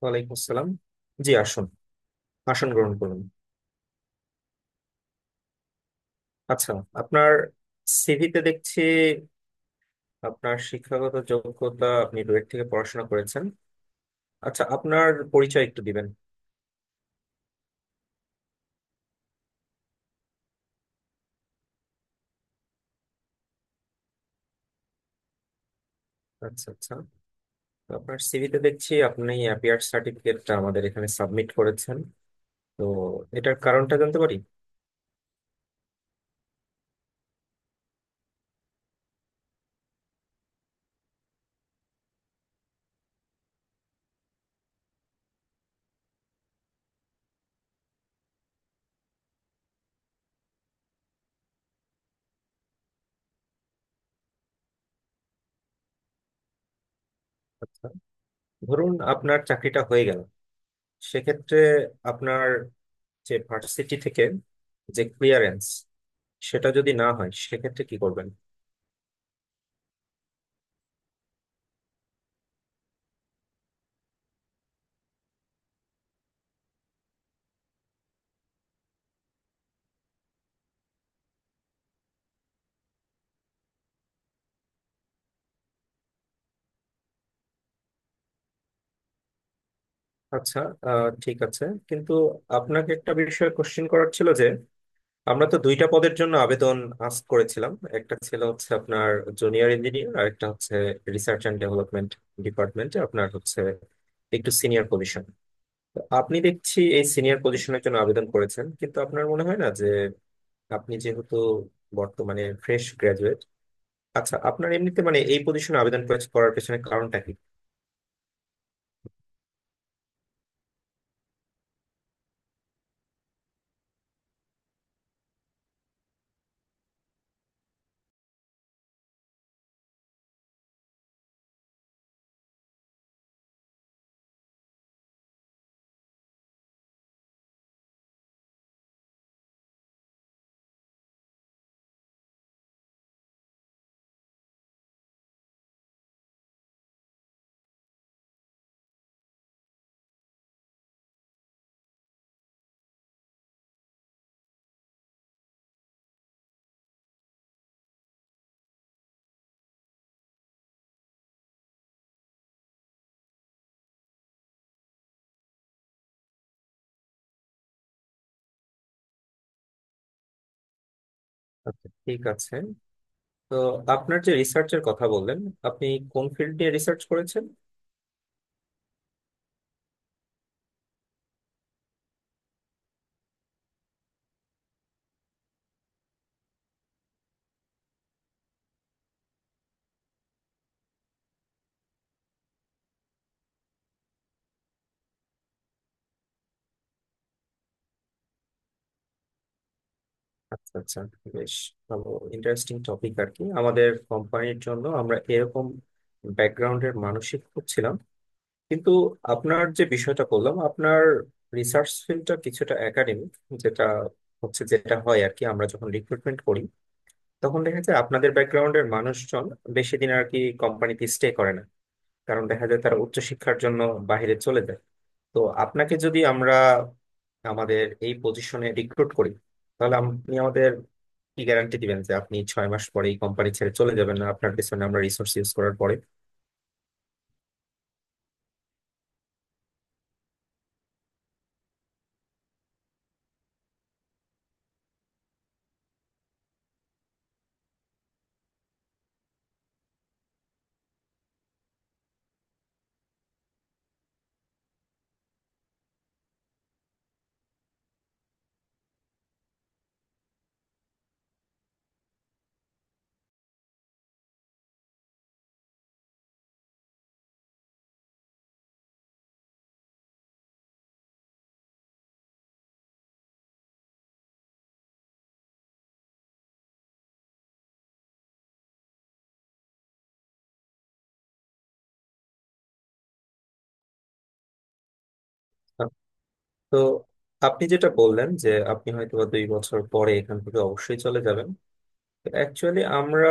ওয়ালাইকুম আসসালাম। জি, আসুন, আসন গ্রহণ করুন। আচ্ছা, আপনার সিভিতে দেখছি আপনার শিক্ষাগত যোগ্যতা, আপনি রুয়েট থেকে পড়াশোনা করেছেন। আচ্ছা, আপনার পরিচয় একটু দিবেন? আচ্ছা আচ্ছা তো আপনার সিভিতে দেখছি আপনি অ্যাপিয়ার সার্টিফিকেটটা আমাদের এখানে সাবমিট করেছেন, তো এটার কারণটা জানতে পারি? আচ্ছা, ধরুন আপনার চাকরিটা হয়ে গেল, সেক্ষেত্রে আপনার যে ভার্সিটি থেকে যে ক্লিয়ারেন্স, সেটা যদি না হয় সেক্ষেত্রে কি করবেন? আচ্ছা, ঠিক আছে। কিন্তু আপনাকে একটা বিষয়ে কোশ্চেন করার ছিল যে, আমরা তো দুইটা পদের জন্য আবেদন আস্ক করেছিলাম, একটা ছিল হচ্ছে আপনার জুনিয়র ইঞ্জিনিয়ার আর একটা হচ্ছে রিসার্চ এন্ড ডেভেলপমেন্ট ডিপার্টমেন্টে আপনার হচ্ছে একটু সিনিয়র পজিশন। আপনি দেখছি এই সিনিয়র পজিশনের জন্য আবেদন করেছেন, কিন্তু আপনার মনে হয় না যে আপনি যেহেতু বর্তমানে ফ্রেশ গ্রাজুয়েট? আচ্ছা, আপনার এমনিতে মানে এই পজিশনে আবেদন করার পেছনে কারণটা কি? আচ্ছা, ঠিক আছে। তো আপনার যে রিসার্চের কথা বললেন, আপনি কোন ফিল্ড নিয়ে রিসার্চ করেছেন? আচ্ছা আচ্ছা বেশ ভালো, ইন্টারেস্টিং টপিক আর কি। আমাদের কোম্পানির জন্য আমরা এরকম ব্যাকগ্রাউন্ডের মানসিক খুঁজছিলাম। কিন্তু আপনার যে বিষয়টা বললাম, আপনার রিসার্চ ফিল্ডটা কিছুটা একাডেমিক, যেটা হচ্ছে, যেটা হয় আর কি, আমরা যখন রিক্রুটমেন্ট করি তখন দেখা যায় আপনাদের ব্যাকগ্রাউন্ডের মানুষজন বেশি দিন আর কি কোম্পানিতে স্টে করে না, কারণ দেখা যায় তারা উচ্চশিক্ষার জন্য বাইরে চলে যায়। তো আপনাকে যদি আমরা আমাদের এই পজিশনে রিক্রুট করি, তাহলে আপনি আমাদের কি গ্যারান্টি দিবেন যে আপনি 6 মাস পরে এই কোম্পানি ছেড়ে চলে যাবেন না, আপনার পেছনে আমরা রিসোর্স ইউজ করার পরে? তো আপনি যেটা বললেন যে আপনি হয়তো বা 2 বছর পরে এখান থেকে অবশ্যই চলে যাবেন, তো অ্যাকচুয়ালি আমরা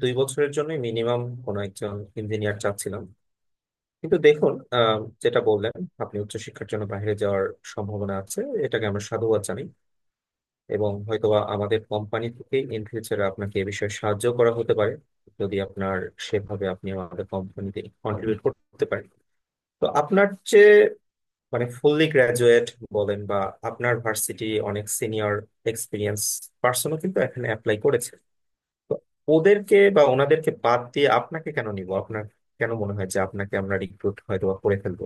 2 বছরের জন্য মিনিমাম কোনো একজন ইঞ্জিনিয়ার চাচ্ছিলাম। কিন্তু দেখুন, যেটা বললেন, আপনি উচ্চশিক্ষার জন্য বাইরে যাওয়ার সম্ভাবনা আছে, এটাকে আমরা সাধুবাদ জানাই। এবং হয়তোবা আমাদের কোম্পানি থেকে ইন ফিউচারে আপনাকে এ বিষয়ে সাহায্য করা হতে পারে, যদি আপনার সেভাবে আপনি আমাদের কোম্পানিতে কন্ট্রিবিউট করতে পারেন। তো আপনার যে মানে ফুললি গ্রাজুয়েট বলেন বা, আপনার ভার্সিটি অনেক সিনিয়র এক্সপিরিয়েন্স পার্সনও কিন্তু এখানে অ্যাপ্লাই করেছে, তো ওদেরকে বা ওনাদেরকে বাদ দিয়ে আপনাকে কেন নিব? আপনার কেন মনে হয় যে আপনাকে আমরা রিক্রুট হয়তো বা করে ফেলবো?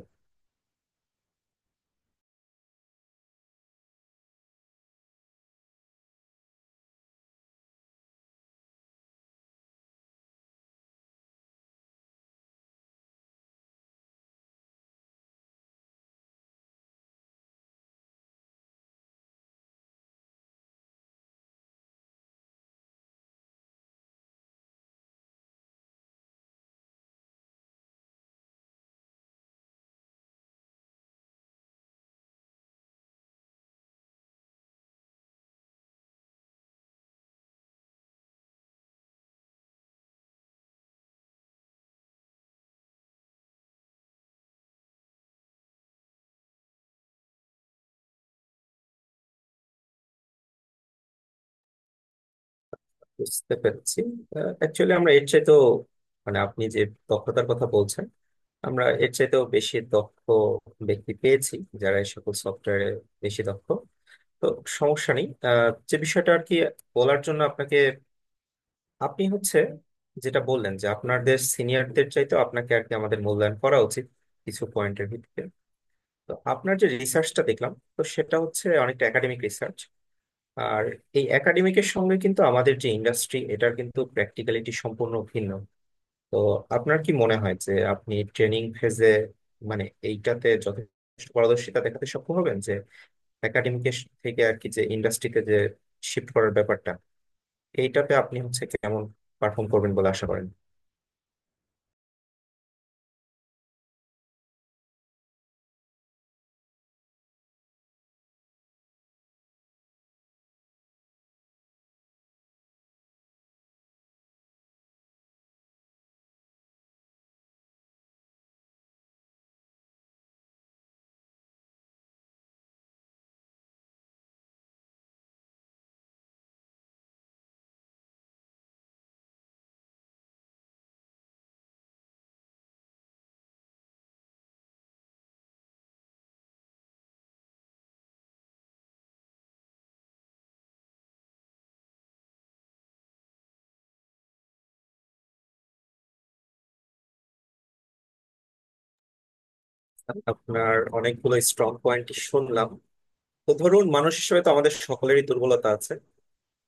বুঝতে পেরেছি। অ্যাকচুয়ালি আমরা এর চাইতেও মানে আপনি যে দক্ষতার কথা বলছেন, আমরা এর চাইতেও বেশি দক্ষ ব্যক্তি পেয়েছি যারা এই সকল সফটওয়্যারে বেশি দক্ষ। তো সমস্যা নেই। যে বিষয়টা আর কি বলার জন্য আপনাকে, আপনি হচ্ছে যেটা বললেন যে আপনাদের সিনিয়রদের চাইতে আপনাকে আর কি আমাদের মূল্যায়ন করা উচিত কিছু পয়েন্টের ভিত্তিতে। তো আপনার যে রিসার্চটা দেখলাম, তো সেটা হচ্ছে অনেকটা একাডেমিক রিসার্চ। আর এই একাডেমিকের সঙ্গে কিন্তু আমাদের যে ইন্ডাস্ট্রি, এটার কিন্তু প্র্যাকটিক্যালিটি সম্পূর্ণ ভিন্ন। তো আপনার কি মনে হয় যে আপনি ট্রেনিং ফেজে মানে এইটাতে যথেষ্ট পারদর্শিতা দেখাতে সক্ষম হবেন, যে একাডেমিক থেকে আর কি যে ইন্ডাস্ট্রিতে যে শিফট করার ব্যাপারটা, এইটাতে আপনি হচ্ছে কেমন পারফর্ম করবেন বলে আশা করেন? আপনার অনেকগুলো স্ট্রং পয়েন্ট শুনলাম। তো ধরুন, মানুষ হিসেবে তো আমাদের সকলেরই দুর্বলতা আছে।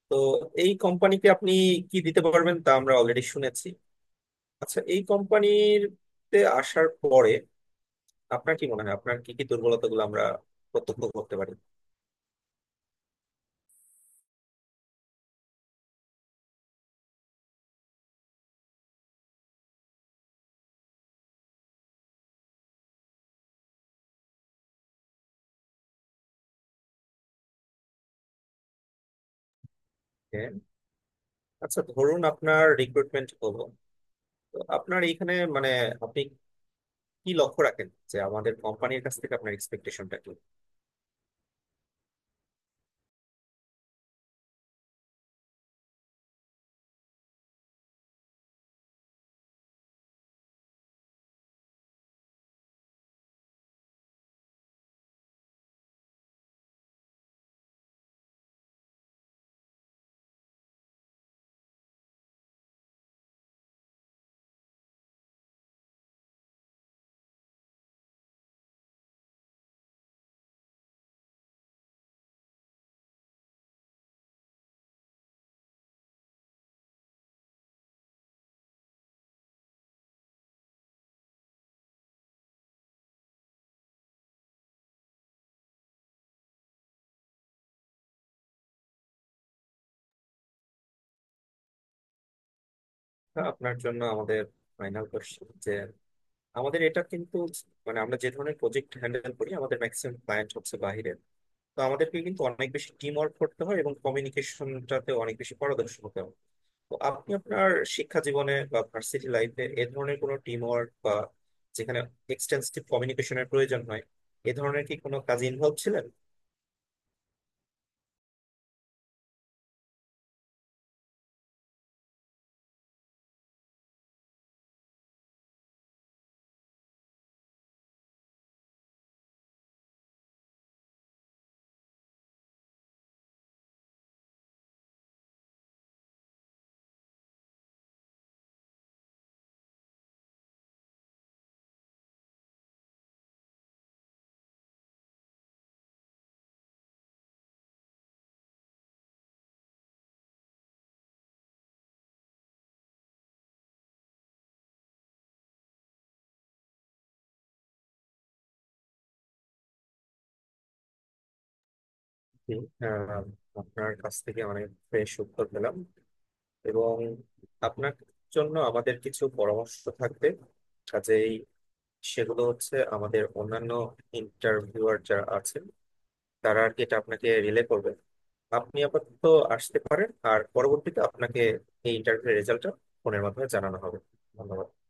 তো এই কোম্পানিকে আপনি কি দিতে পারবেন তা আমরা অলরেডি শুনেছি। আচ্ছা, এই কোম্পানিতে আসার পরে আপনার কি মনে হয় আপনার কি কি দুর্বলতাগুলো আমরা প্রত্যক্ষ করতে পারি? হ্যাঁ। আচ্ছা, ধরুন আপনার রিক্রুটমেন্ট হলো, তো আপনার এখানে মানে আপনি কি লক্ষ্য রাখেন যে আমাদের কোম্পানির কাছ থেকে আপনার এক্সপেকটেশনটা কি? তা আপনার জন্য আমাদের ফাইনাল কোশ্চেন যে, আমাদের এটা কিন্তু মানে আমরা যে ধরনের প্রজেক্ট হ্যান্ডেল করি আমাদের ম্যাক্সিমাম ক্লায়েন্ট হচ্ছে বাইরের, তো আমাদেরকে কিন্তু অনেক বেশি টিম ওয়ার্ক করতে হয় এবং কমিউনিকেশনটাতে অনেক বেশি পারদর্শী হতে হয়। তো আপনি আপনার শিক্ষা জীবনে বা ভার্সিটি লাইফে এ ধরনের কোনো টিম ওয়ার্ক বা যেখানে এক্সটেন্সিভ কমিউনিকেশনের প্রয়োজন হয়, এ ধরনের কি কোনো কাজে ইনভলভ ছিলেন? জি। আহ, আপনার কাছ থেকে অনেক ফ্রেশ উত্তর পেলাম, এবং আপনার জন্য আমাদের কিছু পরামর্শ থাকবে। কাজেই সেগুলো হচ্ছে আমাদের অন্যান্য ইন্টারভিউয়ার যারা আছেন তারা আর কি এটা আপনাকে রিলে করবে। আপনি আপাতত আসতে পারেন, আর পরবর্তীতে আপনাকে এই ইন্টারভিউ রেজাল্টটা ফোনের মাধ্যমে জানানো হবে। ধন্যবাদ।